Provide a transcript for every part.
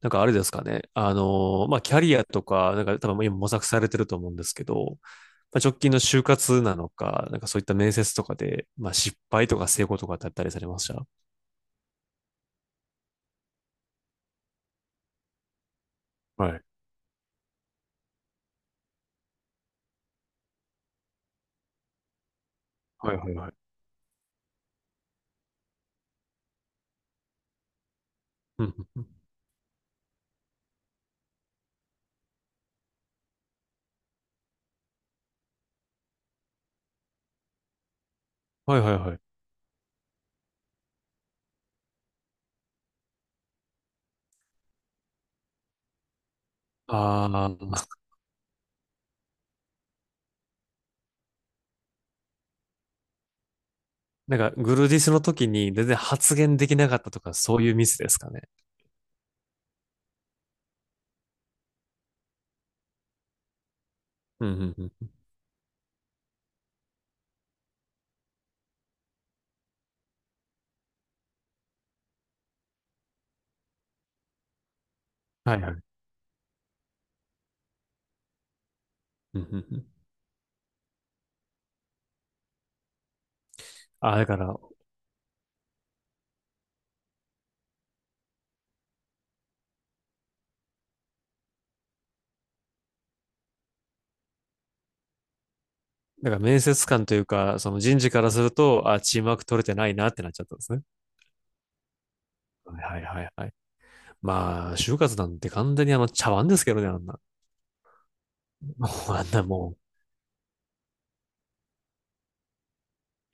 なんかあれですかね。まあ、キャリアとか、なんか多分今模索されてると思うんですけど、まあ、直近の就活なのか、なんかそういった面接とかで、まあ、失敗とか成功とかってあったりされました？はいはいはい。うんうん、はいはいはい。ああ、なんかグルディスの時に全然発言できなかったとか、そういうミスですかね。うんうんうん。はいはい。うんうんうん、ああ、だから、なんか面接官というか、その人事からすると、ああ、チームワーク取れてないなってなっちゃったんですね。はいはいはいはい。まあ、就活なんて完全にあの茶碗ですけどね、あんな。もうあんなも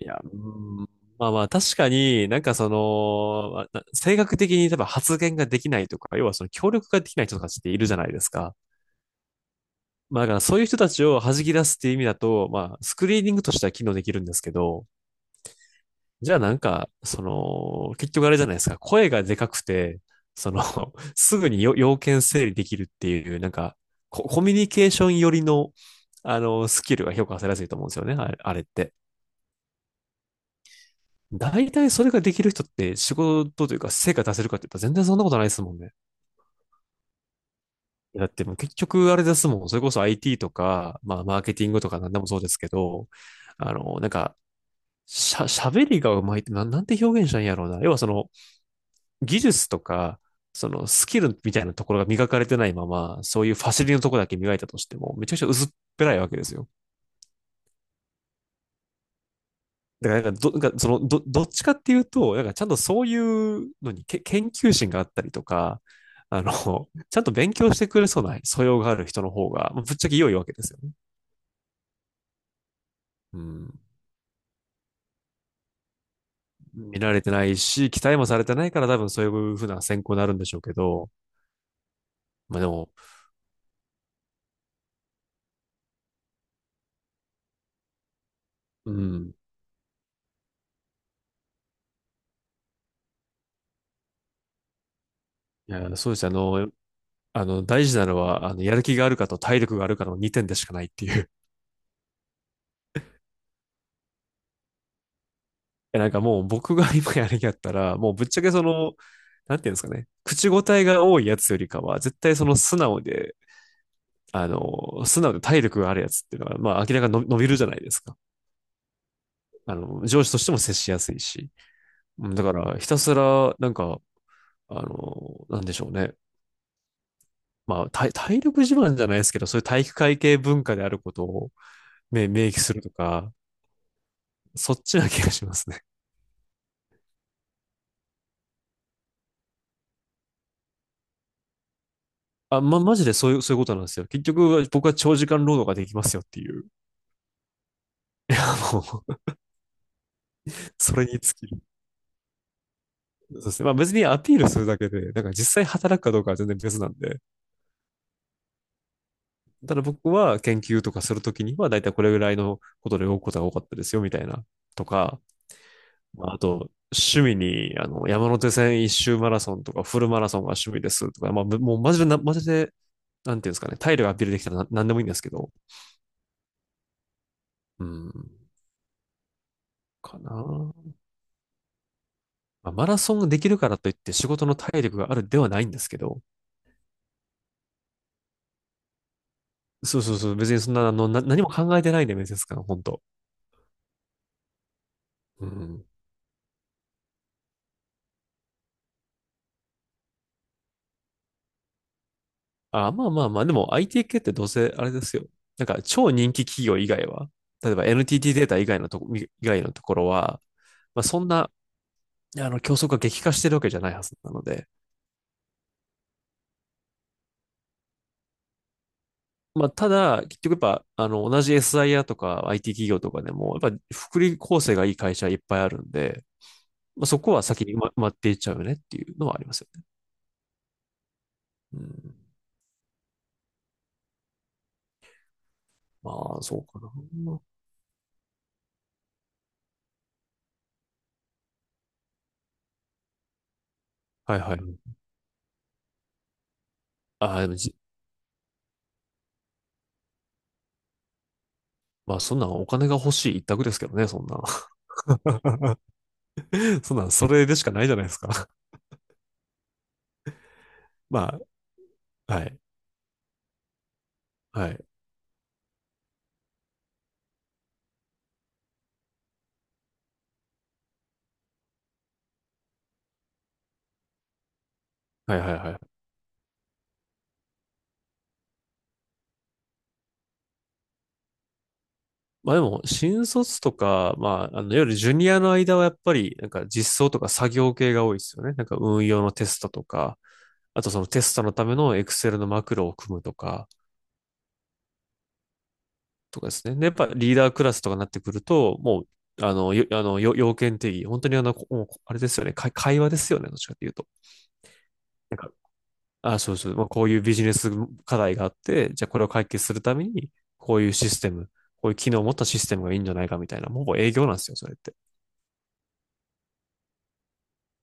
う。いや、うーん、まあまあ、確かになんかその、まあ性格的に例えば発言ができないとか、要はその協力ができない人たちっているじゃないですか。まあだからそういう人たちを弾き出すっていう意味だと、まあスクリーニングとしては機能できるんですけど、じゃあなんか、その、結局あれじゃないですか。声がでかくて、その、すぐに要件整理できるっていう、なんかコミュニケーション寄りの、あの、スキルが評価されやすいと思うんですよね、あれあれって。大体それができる人って仕事というか成果出せるかって言ったら全然そんなことないですもんね。だってもう結局あれですもん。それこそ IT とか、まあマーケティングとか何でもそうですけど、あの、なんか、喋りがうまいって、なんて表現したらいいんやろうな。要はその、技術とか、そのスキルみたいなところが磨かれてないまま、そういうファシリのところだけ磨いたとしても、めちゃくちゃ薄っぺらいわけですよ。だからなんかど、なんかそのど、どっちかっていうと、なんかちゃんとそういうのに研究心があったりとか、あの、ちゃんと勉強してくれそうな素養がある人の方が、ぶっちゃけ良いわけですよね。うん。見られてないし、期待もされてないから多分そういうふうな選考になるんでしょうけど、まあでも、うん。いや、そうですね。あの、大事なのは、あの、やる気があるかと体力があるかの2点でしかないっていう。え、なんかもう僕が今やる気だったら、もうぶっちゃけその、なんていうんですかね、口答えが多いやつよりかは、絶対その素直で、あの、素直で体力があるやつっていうのは、まあ明らかに伸びるじゃないですか。あの、上司としても接しやすいし。だから、ひたすら、なんか、あの、なんでしょうね。まあ、体力自慢じゃないですけど、そういう体育会系文化であることを、ね、明記するとか、そっちな気がしますね。あ、マジでそういう、そういうことなんですよ。結局、僕は長時間労働ができますよっていう。いや、もう、それに尽きる。そうですね。まあ別にアピールするだけで、なんか実際働くかどうかは全然別なんで。ただ僕は研究とかするときには、だいたいこれぐらいのことで動くことが多かったですよ、みたいな。とか、まあ、あと、趣味に、あの、山手線一周マラソンとか、フルマラソンが趣味ですとか、まあ、ぶもうマジでな、マジで、なんていうんですかね、体力アピールできたらな何でもいいんですけど。うん、かな。まあ、マラソンができるからといって仕事の体力があるではないんですけど、そうそうそう、別にそんな、あの、何も考えてないんで、面接官、本当。うん。あ、まあまあまあ、でも IT 系ってどうせあれですよ。なんか超人気企業以外は、例えば NTT データ以外のところは、まあそんな、あの、競争が激化してるわけじゃないはずなので、まあただ、結局やっぱ、あの、同じ SIR とか IT 企業とかでも、やっぱ福利厚生がいい会社いっぱいあるんで、まあそこは先に埋まっていっちゃうよねっていうのはありますよ。うん。まあ、そうかな。はいはい。ああ、でもじ、まあ、そんなんお金が欲しい一択ですけどね、そんなん。そんなん、それでしかないじゃないですか。まあ、はい。はい。はいはいはい。まあでも、新卒とか、まあ、あの、いわゆるジュニアの間はやっぱり、なんか実装とか作業系が多いですよね。なんか運用のテストとか、あとそのテストのためのエクセルのマクロを組むとか、とかですね。で、やっぱリーダークラスとかになってくると、もう、あの、よ、あの、よ要件定義、本当にあの、もうあれですよね、会話ですよね、どっちかっていうと。あ、そうそう、まあ、こういうビジネス課題があって、じゃあこれを解決するために、こういうシステム、こういう機能を持ったシステムがいいんじゃないかみたいな、もう営業なんですよ、それって。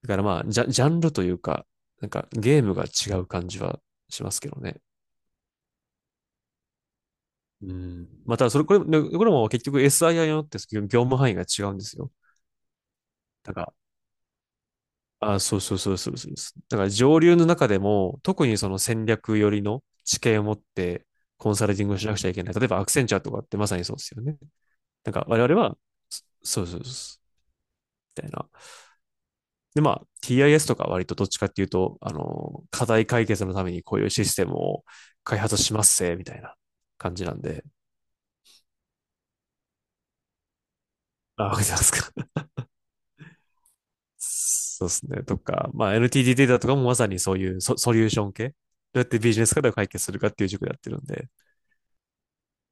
だからまあ、ジャンルというか、なんかゲームが違う感じはしますけどね。うん。また、それ、これ、これも結局 SII によって業務範囲が違うんですよ。だから、あ、そうそうそうそうそうです。だから上流の中でも、特にその戦略寄りの知見を持ってコンサルティングをしなくちゃいけない。例えばアクセンチャーとかってまさにそうですよね。なんか我々は、そうそうそうそう。みたいな。で、まあ、TIS とか割とどっちかっていうと、あの、課題解決のためにこういうシステムを開発しますせ、みたいな感じなんで。あ、わかりますか。そうですね。とか、まあ、NTT データとかもまさにそういうソリューション系。どうやってビジネス課題を解決するかっていう塾でやってるんで。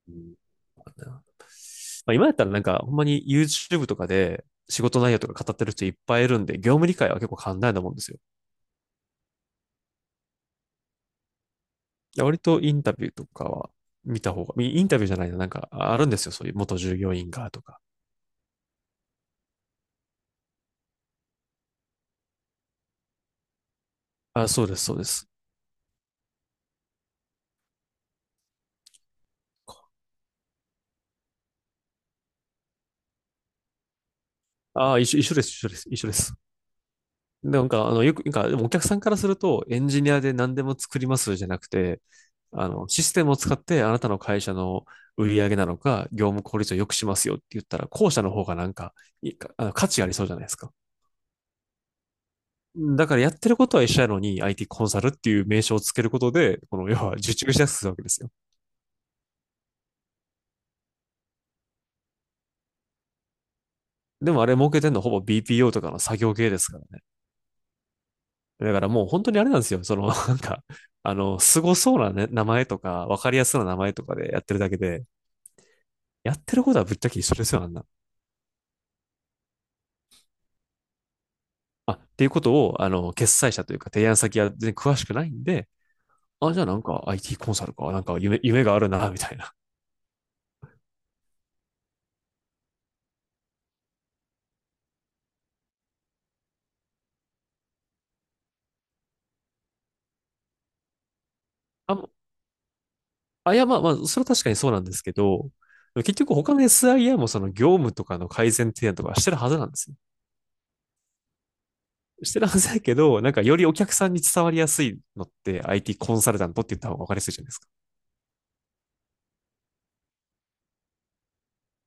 うん、まあ、今やったらなんか、ほんまに YouTube とかで仕事内容とか語ってる人いっぱいいるんで、業務理解は結構簡単なもんですよ。いや割とインタビューとかは見た方が、インタビューじゃないな、なんかあるんですよ。そういう元従業員がとか。あ、そうです、そうです。あ、一緒、一緒です、一緒です、一緒です。でなんか、あの、よく、なんか、でもお客さんからすると、エンジニアで何でも作りますじゃなくて、あの、システムを使ってあなたの会社の売り上げなのか、業務効率を良くしますよって言ったら、後者の方がなんか、いいかあの価値ありそうじゃないですか。だからやってることは一緒やのに IT コンサルっていう名称をつけることで、この要は受注しやすくするわけですよ。でもあれ儲けてんのほぼ BPO とかの作業系ですからね。だからもう本当にあれなんですよ。そのなんか、あの、凄そうな、ね、名前とか、わかりやすいな名前とかでやってるだけで、やってることはぶっちゃけ一緒ですよ、あんな。あ、っていうことを、あの、決裁者というか提案先は全然詳しくないんで、あ、じゃあなんか IT コンサルか、なんか夢があるな、みたいな。あ、もうあ、いや、まあまあ、それは確かにそうなんですけど、結局他の SIA もその業務とかの改善提案とかしてるはずなんですよ。してるはずだけど、なんかよりお客さんに伝わりやすいのって IT コンサルタントって言った方が分かりやすいじゃないですか。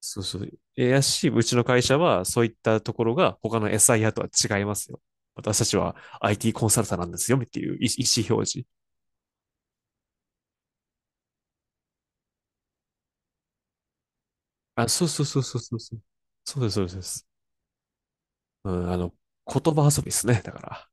そうそう。えやし、うちの会社は、そういったところが他の SIR とは違いますよ。私たちは IT コンサルタントなんですよ、っていう意思表示。あ、そうそうそうそうそうそう。そうです、そうです。そうです、うん、あの、言葉遊びですね、だから。